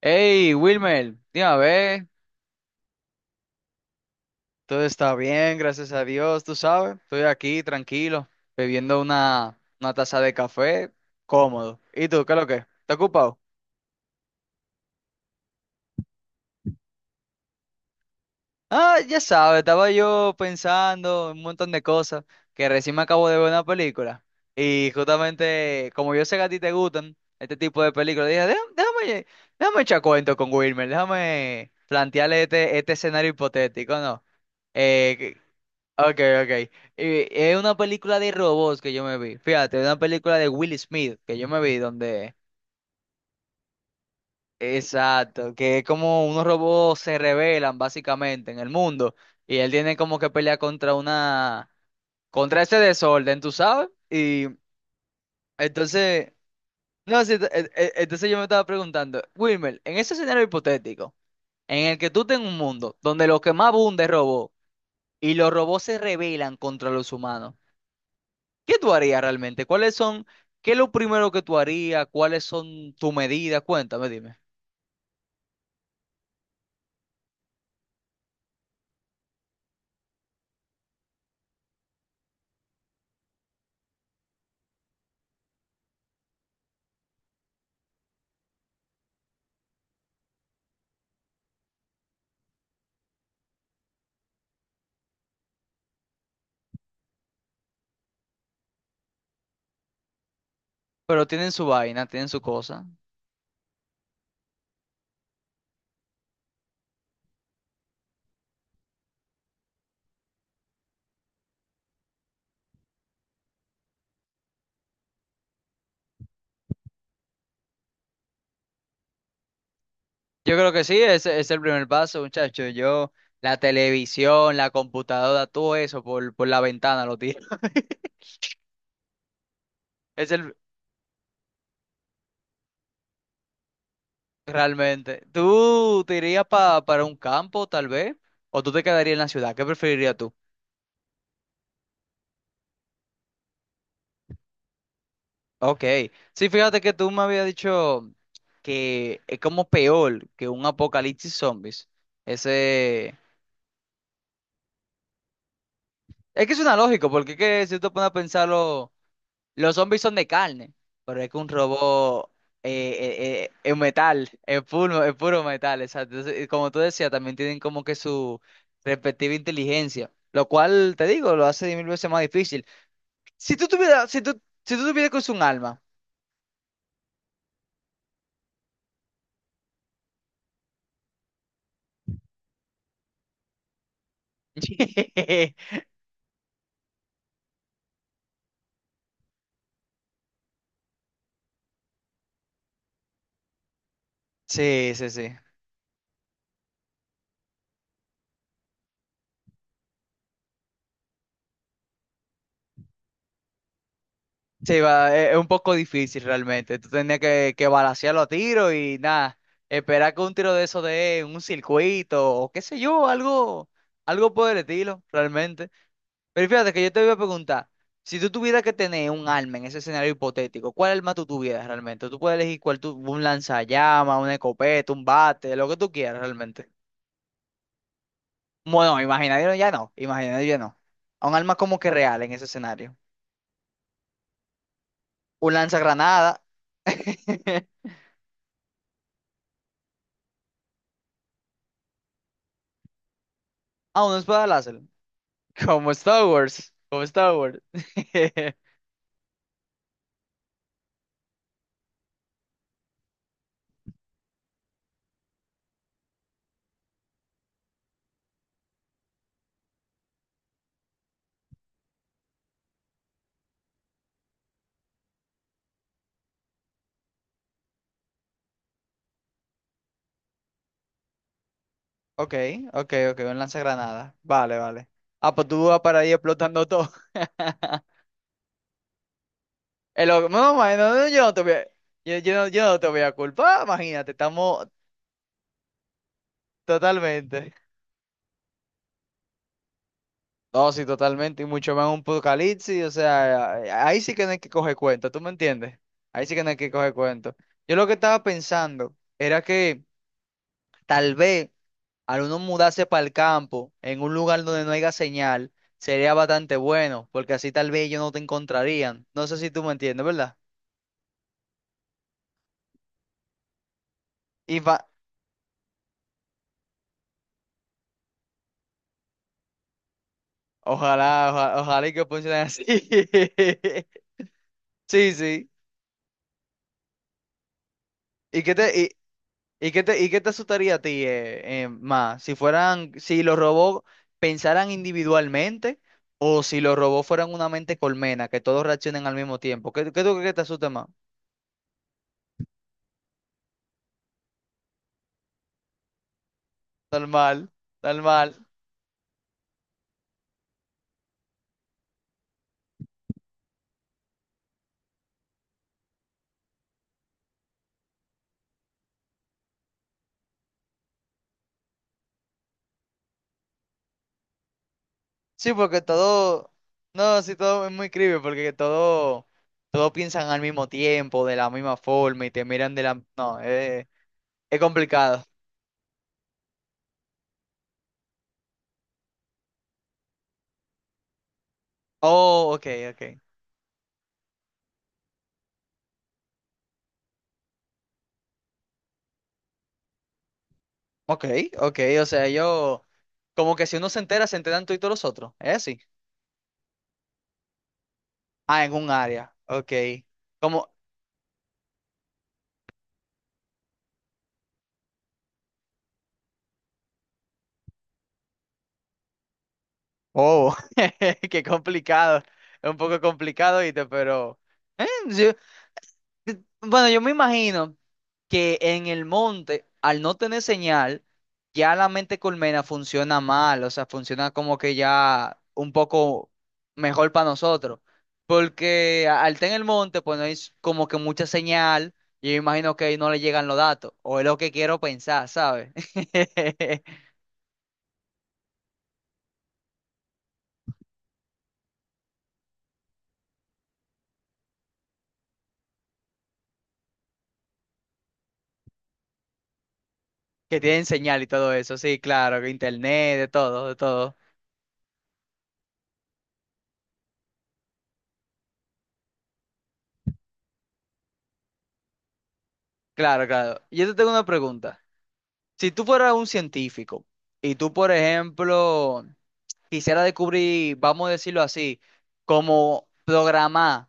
Hey, Wilmer, dime a ver, todo está bien, gracias a Dios, tú sabes, estoy aquí tranquilo, bebiendo una taza de café, cómodo. ¿Y tú, qué es lo que es? ¿Estás ocupado? Ah, ya sabes, estaba yo pensando en un montón de cosas, que recién me acabo de ver una película, y justamente, como yo sé que a ti te gustan este tipo de películas, dije, "Déjame, déjame, déjame echar cuento con Wilmer, déjame plantearle este escenario hipotético, ¿no? Eh, Ok, ok. Es una película de robots que yo me vi. Fíjate, es una película de Will Smith que yo me vi donde... Exacto, que es como unos robots se rebelan básicamente en el mundo y él tiene como que pelear contra una... contra ese desorden, ¿tú sabes? Y entonces... No, sí, entonces yo me estaba preguntando, Wilmer, en ese escenario hipotético, en el que tú tengas un mundo donde lo que más abunda es robot y los robots se rebelan contra los humanos. ¿Qué tú harías realmente? ¿Cuáles son, qué es lo primero que tú harías? ¿Cuáles son tus medidas? Cuéntame, dime. Pero tienen su vaina, tienen su cosa. Yo creo que sí, ese es el primer paso, muchacho. Yo, la televisión, la computadora, todo eso por la ventana lo tiro. Es el, realmente. ¿Tú te irías para un campo, tal vez? ¿O tú te quedarías en la ciudad? ¿Qué preferirías tú? Ok. Sí, fíjate que tú me habías dicho que es como peor que un apocalipsis zombies. Ese. Es que es una lógica, porque es que si tú pones a pensarlo, los zombies son de carne, pero es que un robot es metal, es puro metal, exacto. Entonces, como tú decías, también tienen como que su respectiva inteligencia, lo cual, te digo, lo hace 10.000 veces más difícil. Si tú tuvieras, si tú, si tú tuvieras que usar un alma. Sí, sí, sí. Sí, va, es un poco difícil realmente. Tú tenías que balancearlo a tiro y nada, esperar que un tiro de eso dé en un circuito o qué sé yo, algo, algo por el estilo, realmente. Pero fíjate que yo te voy a preguntar, si tú tuvieras que tener un arma en ese escenario hipotético, ¿cuál arma tú tuvieras realmente? Tú puedes elegir cuál tú, un lanzallamas, una escopeta, un bate, lo que tú quieras realmente. Bueno, imaginario ya no, imaginario ya no. Un arma como que real en ese escenario. Un lanzagranada. Ah, una espada láser. Como Star Wars. Como Star Wars. Ok, ok, ok, un lanzagranada. Vale, vale. Ah, pues tú vas para ahí explotando todo. El loco, no, man, no, no, yo, yo no te voy a culpar, imagínate, estamos totalmente. No, sí, totalmente, y mucho más un apocalipsis, o sea, ahí sí que no hay que coger cuenta, ¿tú me entiendes? Ahí sí que no hay que coger cuenta. Yo lo que estaba pensando era que tal vez al uno mudarse para el campo, en un lugar donde no haya señal, sería bastante bueno, porque así tal vez ellos no te encontrarían. No sé si tú me entiendes, ¿verdad? Y fa- ojalá, ojalá, ojalá y que funcione así. Sí, sí. ¿Y qué te, y, ¿y qué te asustaría a ti más? Si fueran, si los robots pensaran individualmente o si los robots fueran una mente colmena, que todos reaccionen al mismo tiempo. ¿Qué, qué tú crees que te asusta más? Tal mal, tal mal. Sí, porque todo, no, sí, todo es muy creepy, porque todo, todo piensan al mismo tiempo, de la misma forma, y te miran de la, no, es complicado. Oh, ok, ok. Ok, ok, o sea, yo, como que si uno se entera, se enteran tú y todos los otros, ¿es así? Ah, en un área, ok. Como, oh, qué complicado, es un poco complicado, ¿viste? Pero, sí, bueno, yo me imagino que en el monte, al no tener señal, ya la mente colmena funciona mal, o sea, funciona como que ya un poco mejor para nosotros. Porque al estar en el monte, pues no hay como que mucha señal, y yo imagino que ahí no le llegan los datos, o es lo que quiero pensar, ¿sabes? Que tienen señal y todo eso, sí, claro, que internet, de todo, de todo. Claro, claro. Yo te tengo una pregunta. Si tú fueras un científico, y tú, por ejemplo, quisiera descubrir, vamos a decirlo así, como programar,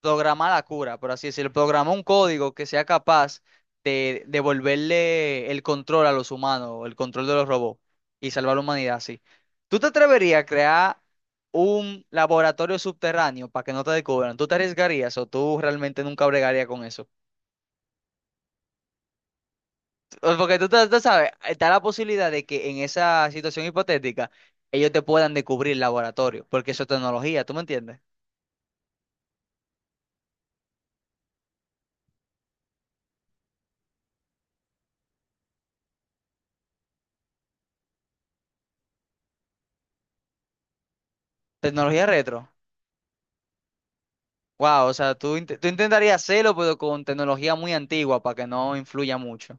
programar la cura, por así decirlo, programar un código que sea capaz de devolverle el control a los humanos, el control de los robots y salvar la humanidad así. ¿Tú te atreverías a crear un laboratorio subterráneo para que no te descubran? ¿Tú te arriesgarías o tú realmente nunca bregarías con eso? Porque tú, tú sabes, está la posibilidad de que en esa situación hipotética ellos te puedan descubrir el laboratorio, porque eso es tecnología, ¿tú me entiendes? Tecnología retro. Wow, o sea, tú intentarías hacerlo, pero con tecnología muy antigua para que no influya mucho.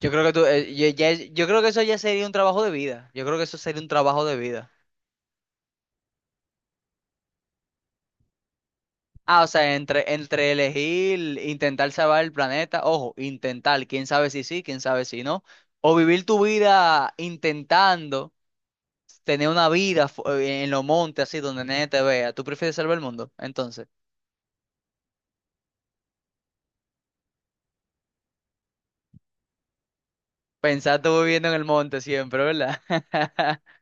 Yo creo que tú, yo creo que eso ya sería un trabajo de vida. Yo creo que eso sería un trabajo de vida. Ah, o sea, entre, entre elegir, intentar salvar el planeta, ojo, intentar, quién sabe si sí, quién sabe si no, o vivir tu vida intentando tener una vida en los montes, así, donde nadie te vea. ¿Tú prefieres salvar el mundo? Entonces, pensar tú viviendo en el monte siempre, ¿verdad?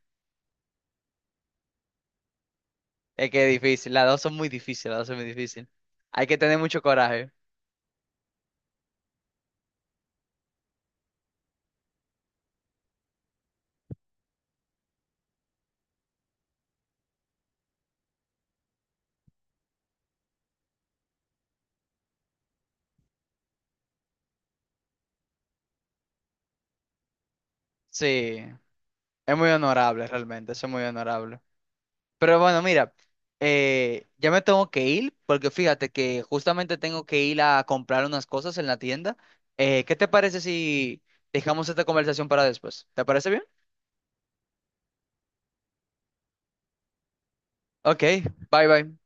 Es que es difícil, las dos son muy difíciles, las dos son muy difíciles. Hay que tener mucho coraje. Sí, es muy honorable realmente, eso es muy honorable. Pero bueno, mira, ya me tengo que ir porque fíjate que justamente tengo que ir a comprar unas cosas en la tienda. ¿Qué te parece si dejamos esta conversación para después? ¿Te parece bien? Ok, bye bye.